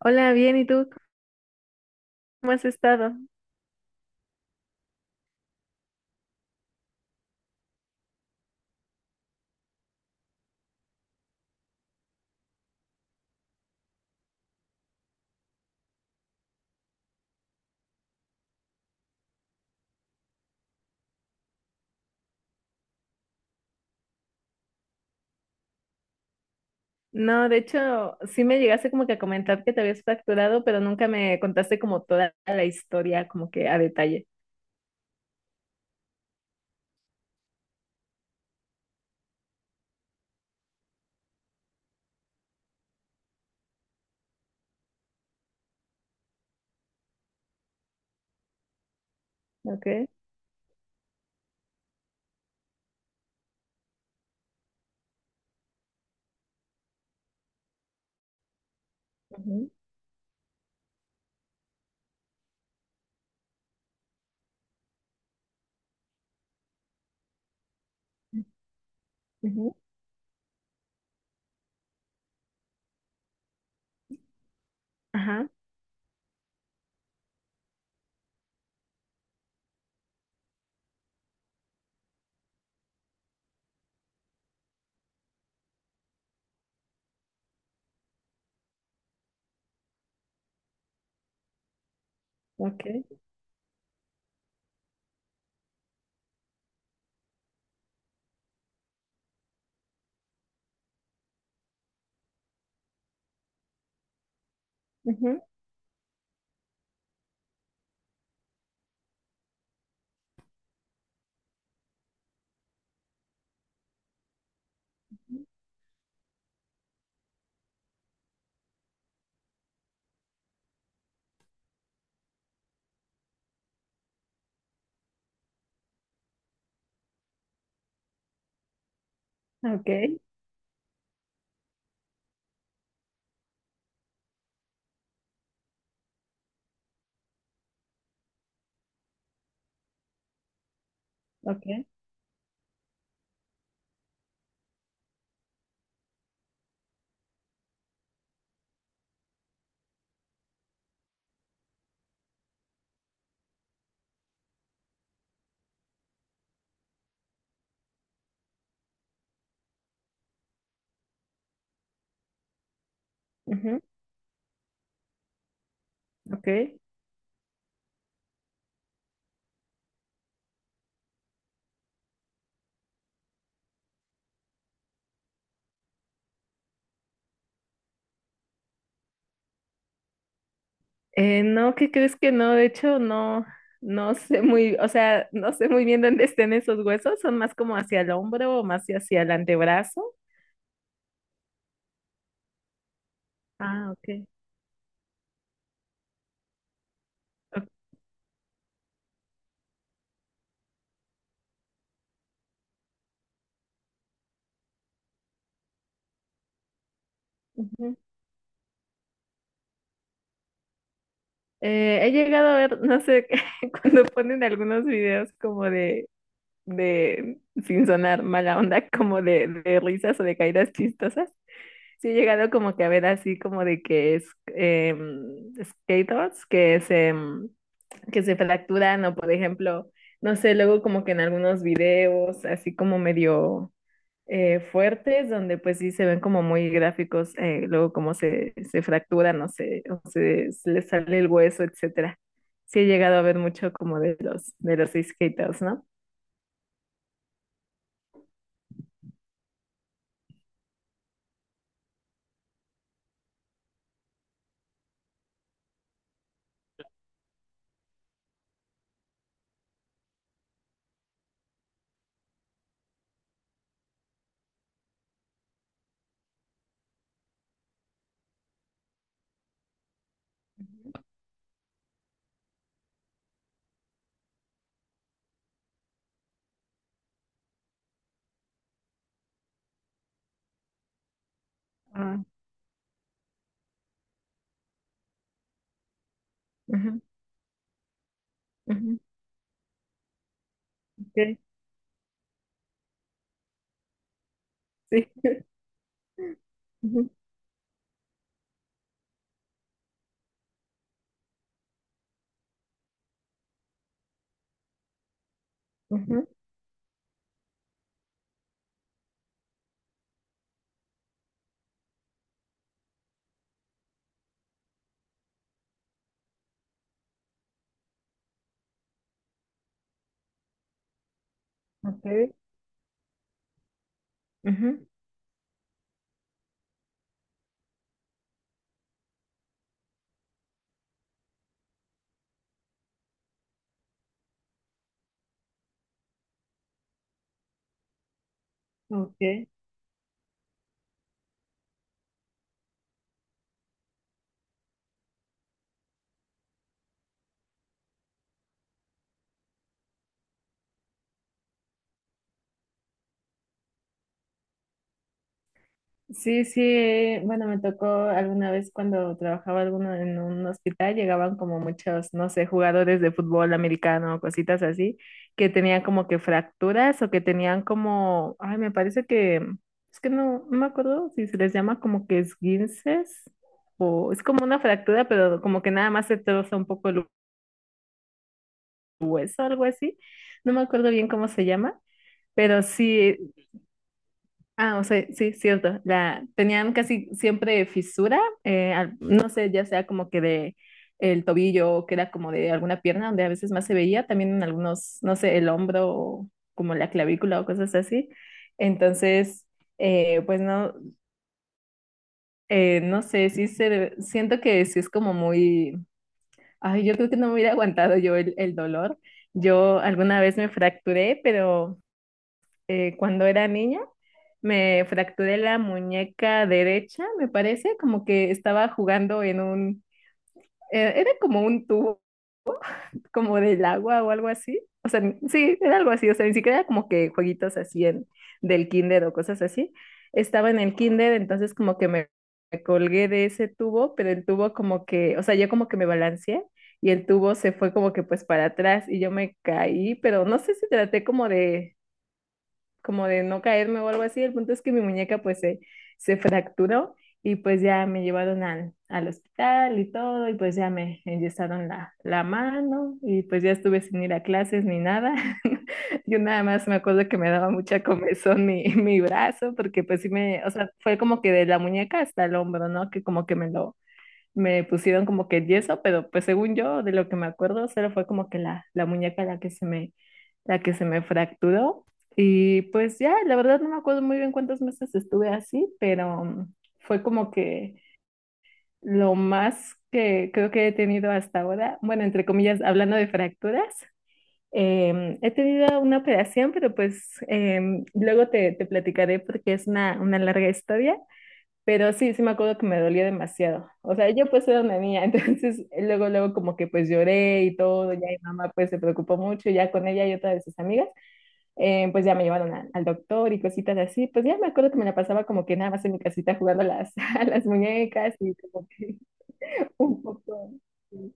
Hola, bien, ¿y tú cómo has estado? No, de hecho, sí me llegaste como que a comentar que te habías fracturado, pero nunca me contaste como toda la historia, como que a detalle. Okay. Ujú. Ujú. Ajá. Okay. Ujú. Okay. Okay. Ujú. Okay. No, ¿qué crees que no? De hecho, no, no sé muy, o sea, no sé muy bien dónde estén esos huesos, son más como hacia el hombro o más hacia el antebrazo. Ah, okay. Ok. Ujú. He llegado a ver, no sé, cuando ponen algunos videos como de, sin sonar mala onda, como de risas o de caídas chistosas. Sí he llegado como que a ver así como de que es skaters que se, que se fracturan o por ejemplo, no sé, luego como que en algunos videos así como medio fuertes, donde pues sí se ven como muy gráficos, luego cómo se fracturan, no sé, o se les sale el hueso, etcétera. Sí he llegado a ver mucho como de de los skaters, ¿no? Ah. Ujú. Ujú. Ok. Sí. Ujú. Ujú. Ok. Ujú. Ok. Sí, sí, bueno, me tocó alguna vez cuando trabajaba alguno en un hospital, llegaban como muchos, no sé, jugadores de fútbol americano, cositas así, que tenían como que fracturas o que tenían como, ay, me parece es que no, no me acuerdo si se les llama como que esguinces o es como una fractura, pero como que nada más se troza un poco el hueso, algo así, no me acuerdo bien cómo se llama. Pero sí. Ah, o sea, sí, cierto. Tenían casi siempre fisura, no sé, ya sea como que de el tobillo o que era como de alguna pierna, donde a veces más se veía, también en algunos, no sé, el hombro o como la clavícula o cosas así. Entonces, pues no, no sé, siento que sí es como muy, ay, yo creo que no me hubiera aguantado yo el dolor. Yo alguna vez me fracturé, pero cuando era niña. Me fracturé la muñeca derecha, me parece, como que estaba jugando en un, era como un tubo, como del agua o algo así. O sea, sí, era algo así, o sea, ni siquiera era como que jueguitos así en, del kinder o cosas así. Estaba en el kinder, entonces como que me colgué de ese tubo, pero el tubo como que, o sea, yo como que me balanceé y el tubo se fue como que pues para atrás y yo me caí, pero no sé si traté como de no caerme o algo así. El punto es que mi muñeca se fracturó y pues ya me llevaron al hospital y todo y pues ya me enyesaron la mano y pues ya estuve sin ir a clases ni nada. Yo nada más me acuerdo que me daba mucha comezón mi, mi brazo porque pues sí me, o sea, fue como que de la muñeca hasta el hombro, ¿no? Que como que me lo me pusieron como que yeso, pero pues según yo, de lo que me acuerdo, solo fue como que la muñeca la que se la que se me fracturó. Y pues ya, la verdad no me acuerdo muy bien cuántos meses estuve así, pero mm, fue como que lo más que creo que he tenido hasta ahora, bueno, entre comillas, hablando de fracturas, he tenido una operación, pero pues luego te platicaré porque es una larga historia. Pero sí, sí me acuerdo que me dolía demasiado. O sea, yo pues era una niña, entonces luego, luego como que pues lloré y todo, ya mi mamá pues se preocupó mucho, ya con ella y otra de sus amigas, pues ya me llevaron al doctor y cositas así. Pues ya me acuerdo que me la pasaba como que nada más en mi casita jugando a las, a las muñecas y como que un poco... Sí,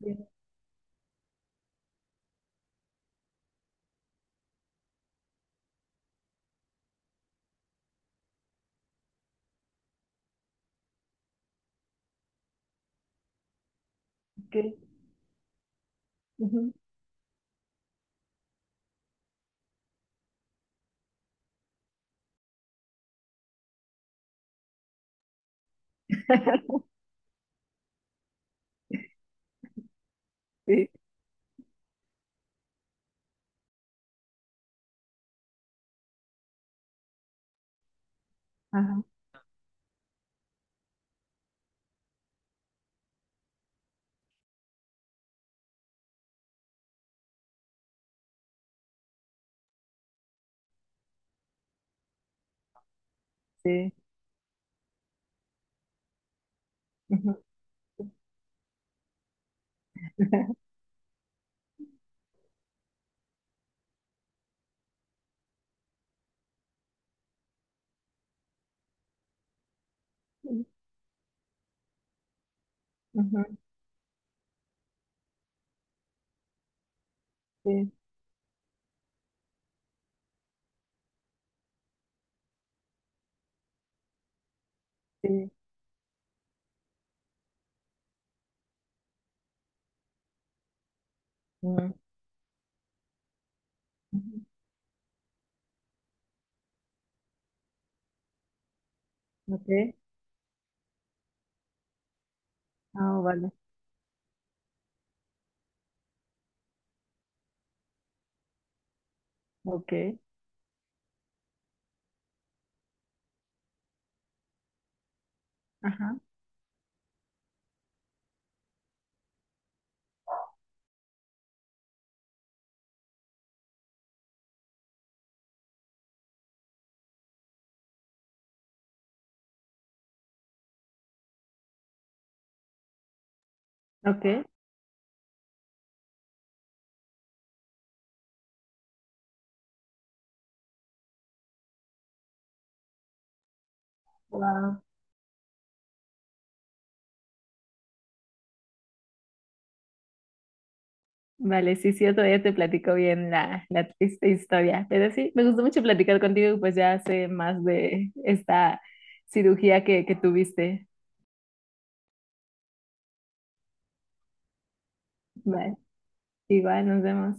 sí, ok, ujú, sí, ajá, sí, ujú, sí, ujú, sí, sí, mm, ujú, ok, ah, vale, ok, ajá, ok. Wow. Vale, sí, sí, otro día te platico bien la triste historia. Pero sí, me gustó mucho platicar contigo, y pues ya sé más de esta cirugía que tuviste. Vale, igual, nos vemos.